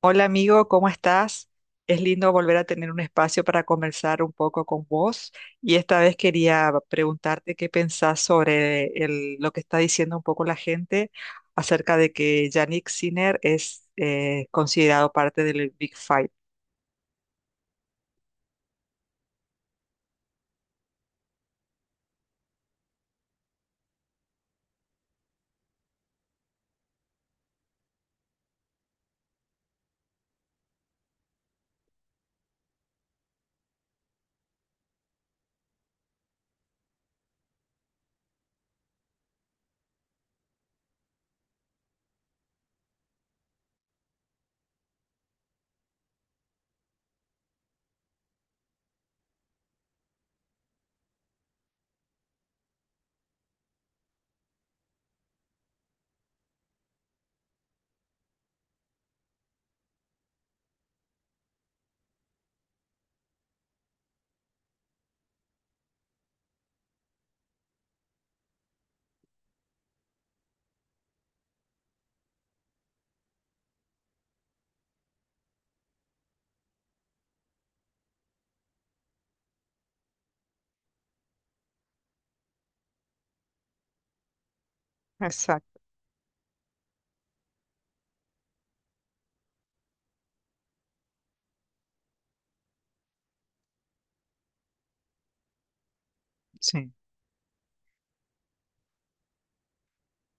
Hola amigo, ¿cómo estás? Es lindo volver a tener un espacio para conversar un poco con vos y esta vez quería preguntarte qué pensás sobre lo que está diciendo un poco la gente acerca de que Yannick Sinner es considerado parte del Big Five. Exacto, sí.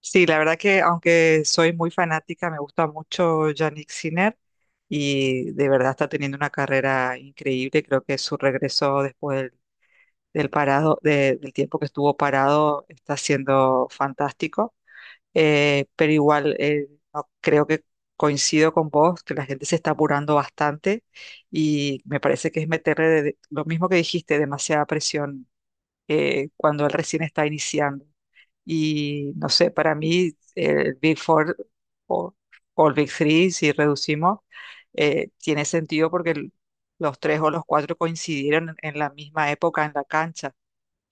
Sí, la verdad que aunque soy muy fanática, me gusta mucho Yannick Sinner y de verdad está teniendo una carrera increíble. Creo que su regreso después del parado, del tiempo que estuvo parado, está siendo fantástico. Pero igual creo que coincido con vos, que la gente se está apurando bastante y me parece que es meterle lo mismo que dijiste, demasiada presión cuando él recién está iniciando. Y no sé, para mí el Big Four o, o el Big Three, si reducimos, tiene sentido porque los tres o los cuatro coincidieron en la misma época en la cancha.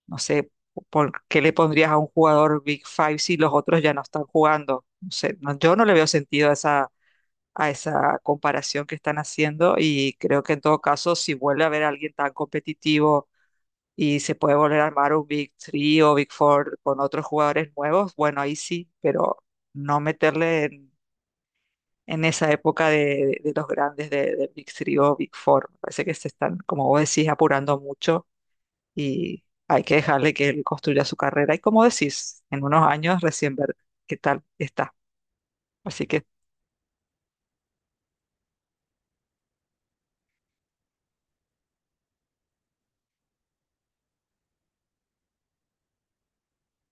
No sé, ¿por qué le pondrías a un jugador Big Five si los otros ya no están jugando? No sé, yo no le veo sentido a esa comparación que están haciendo y creo que en todo caso, si vuelve a haber alguien tan competitivo y se puede volver a armar un Big Three o Big Four con otros jugadores nuevos, bueno, ahí sí, pero no meterle en esa época de, de los grandes de, del Big Three o Big Four. Me parece que se están, como vos decís, apurando mucho y hay que dejarle que él construya su carrera. Y como decís, en unos años recién ver qué tal está. Así que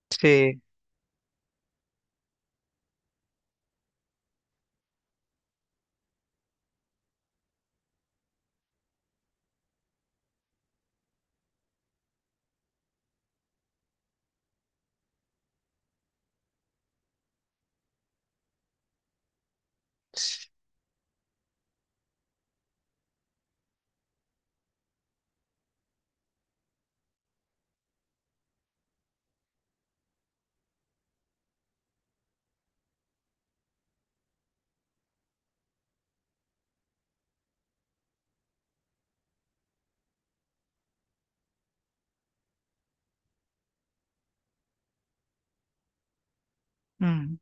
sí. Mm.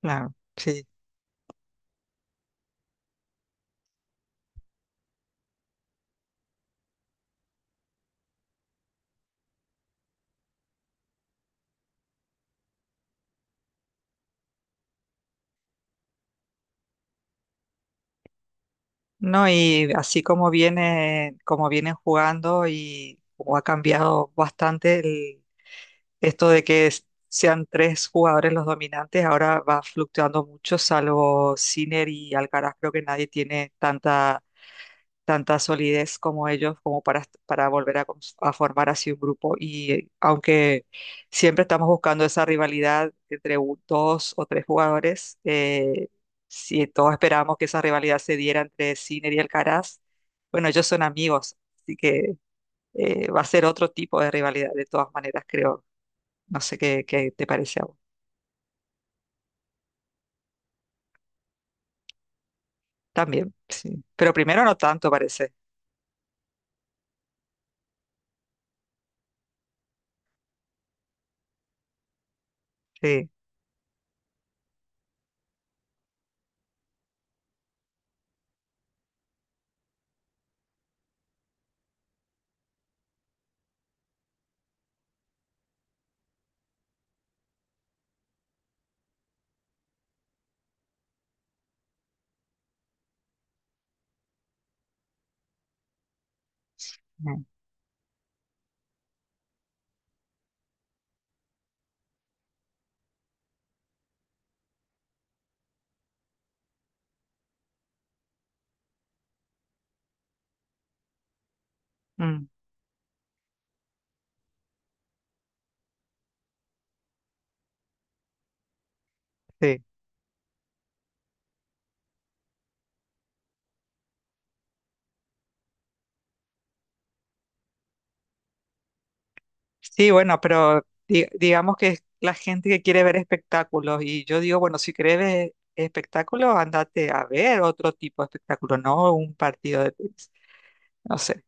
Claro, sí. No, y así como viene, como vienen jugando y como ha cambiado bastante esto de que sean tres jugadores los dominantes, ahora va fluctuando mucho, salvo Sinner y Alcaraz, creo que nadie tiene tanta solidez como ellos como para volver a, a formar así un grupo. Y aunque siempre estamos buscando esa rivalidad entre dos o tres jugadores, si todos esperamos que esa rivalidad se diera entre Sinner y Alcaraz, bueno, ellos son amigos, así que va a ser otro tipo de rivalidad de todas maneras, creo. No sé qué, qué te parece a vos. También, sí. Pero primero no tanto, parece. Sí. Mm. Mm, sí. Sí, bueno, pero digamos que es la gente que quiere ver espectáculos y yo digo, bueno, si querés ver espectáculos, andate a ver otro tipo de espectáculo, no un partido de tenis. No sé,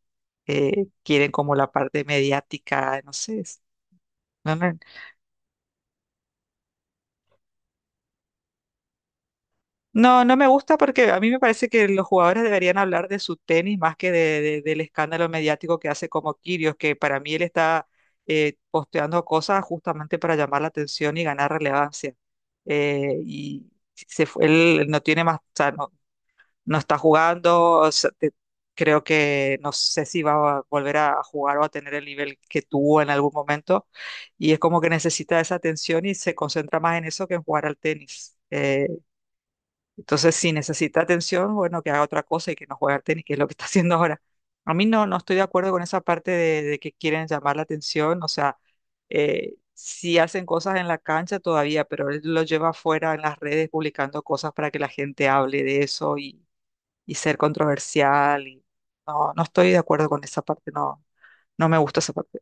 quieren como la parte mediática, no sé, no, no. No, no me gusta porque a mí me parece que los jugadores deberían hablar de su tenis más que del escándalo mediático que hace como Kirios, que para mí él está posteando cosas justamente para llamar la atención y ganar relevancia. Y él no tiene más, o sea, no, no está jugando, o sea, creo que no sé si va a volver a jugar o a tener el nivel que tuvo en algún momento, y es como que necesita esa atención y se concentra más en eso que en jugar al tenis. Entonces, si necesita atención, bueno, que haga otra cosa y que no juegue al tenis, que es lo que está haciendo ahora. A mí no, no estoy de acuerdo con esa parte de que quieren llamar la atención, o sea, si hacen cosas en la cancha todavía, pero él lo lleva afuera en las redes publicando cosas para que la gente hable de eso y ser controversial. Y, no, no estoy de acuerdo con esa parte, no, no me gusta esa parte.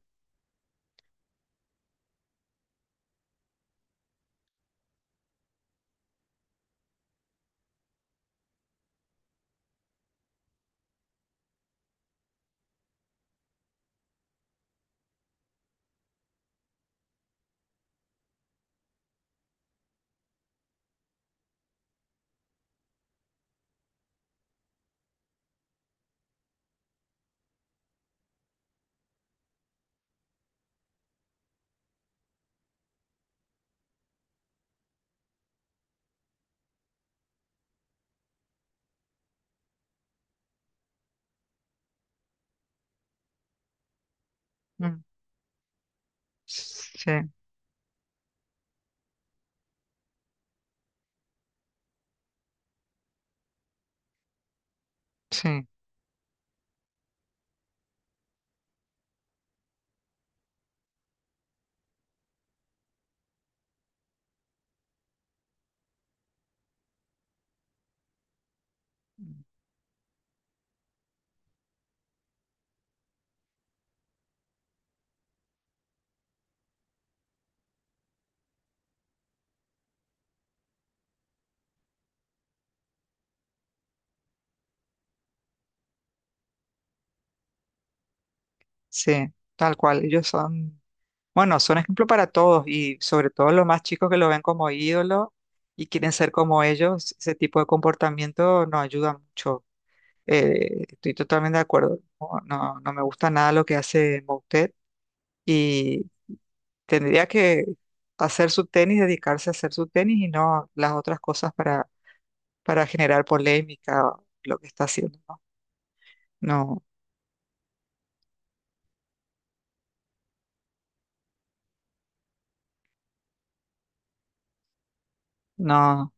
Mm. Sí, sí, sí, tal cual, ellos son... Bueno, son ejemplo para todos y sobre todo los más chicos que lo ven como ídolo y quieren ser como ellos, ese tipo de comportamiento nos ayuda mucho. Estoy totalmente de acuerdo. No, no, no me gusta nada lo que hace Moutet y tendría que hacer su tenis, dedicarse a hacer su tenis y no las otras cosas para generar polémica o lo que está haciendo, ¿no? No, no.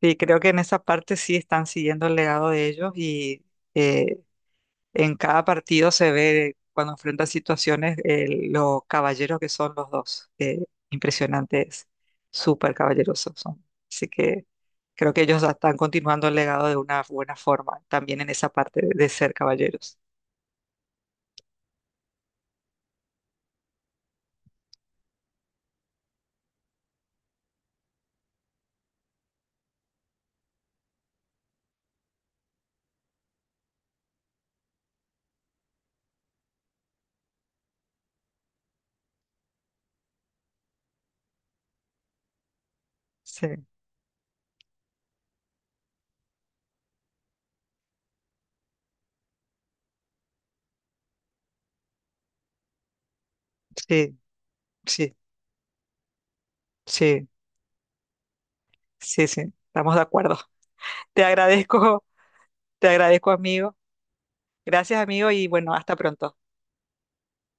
Y creo que en esa parte sí están siguiendo el legado de ellos y eh, en cada partido se ve cuando enfrentan situaciones los caballeros que son los dos. Impresionantes, súper caballerosos son. Así que creo que ellos están continuando el legado de una buena forma, también en esa parte de ser caballeros. Sí, sí, sí, sí, sí, sí, estamos de acuerdo. Te agradezco, te agradezco, amigo. Gracias, amigo, y bueno, hasta pronto.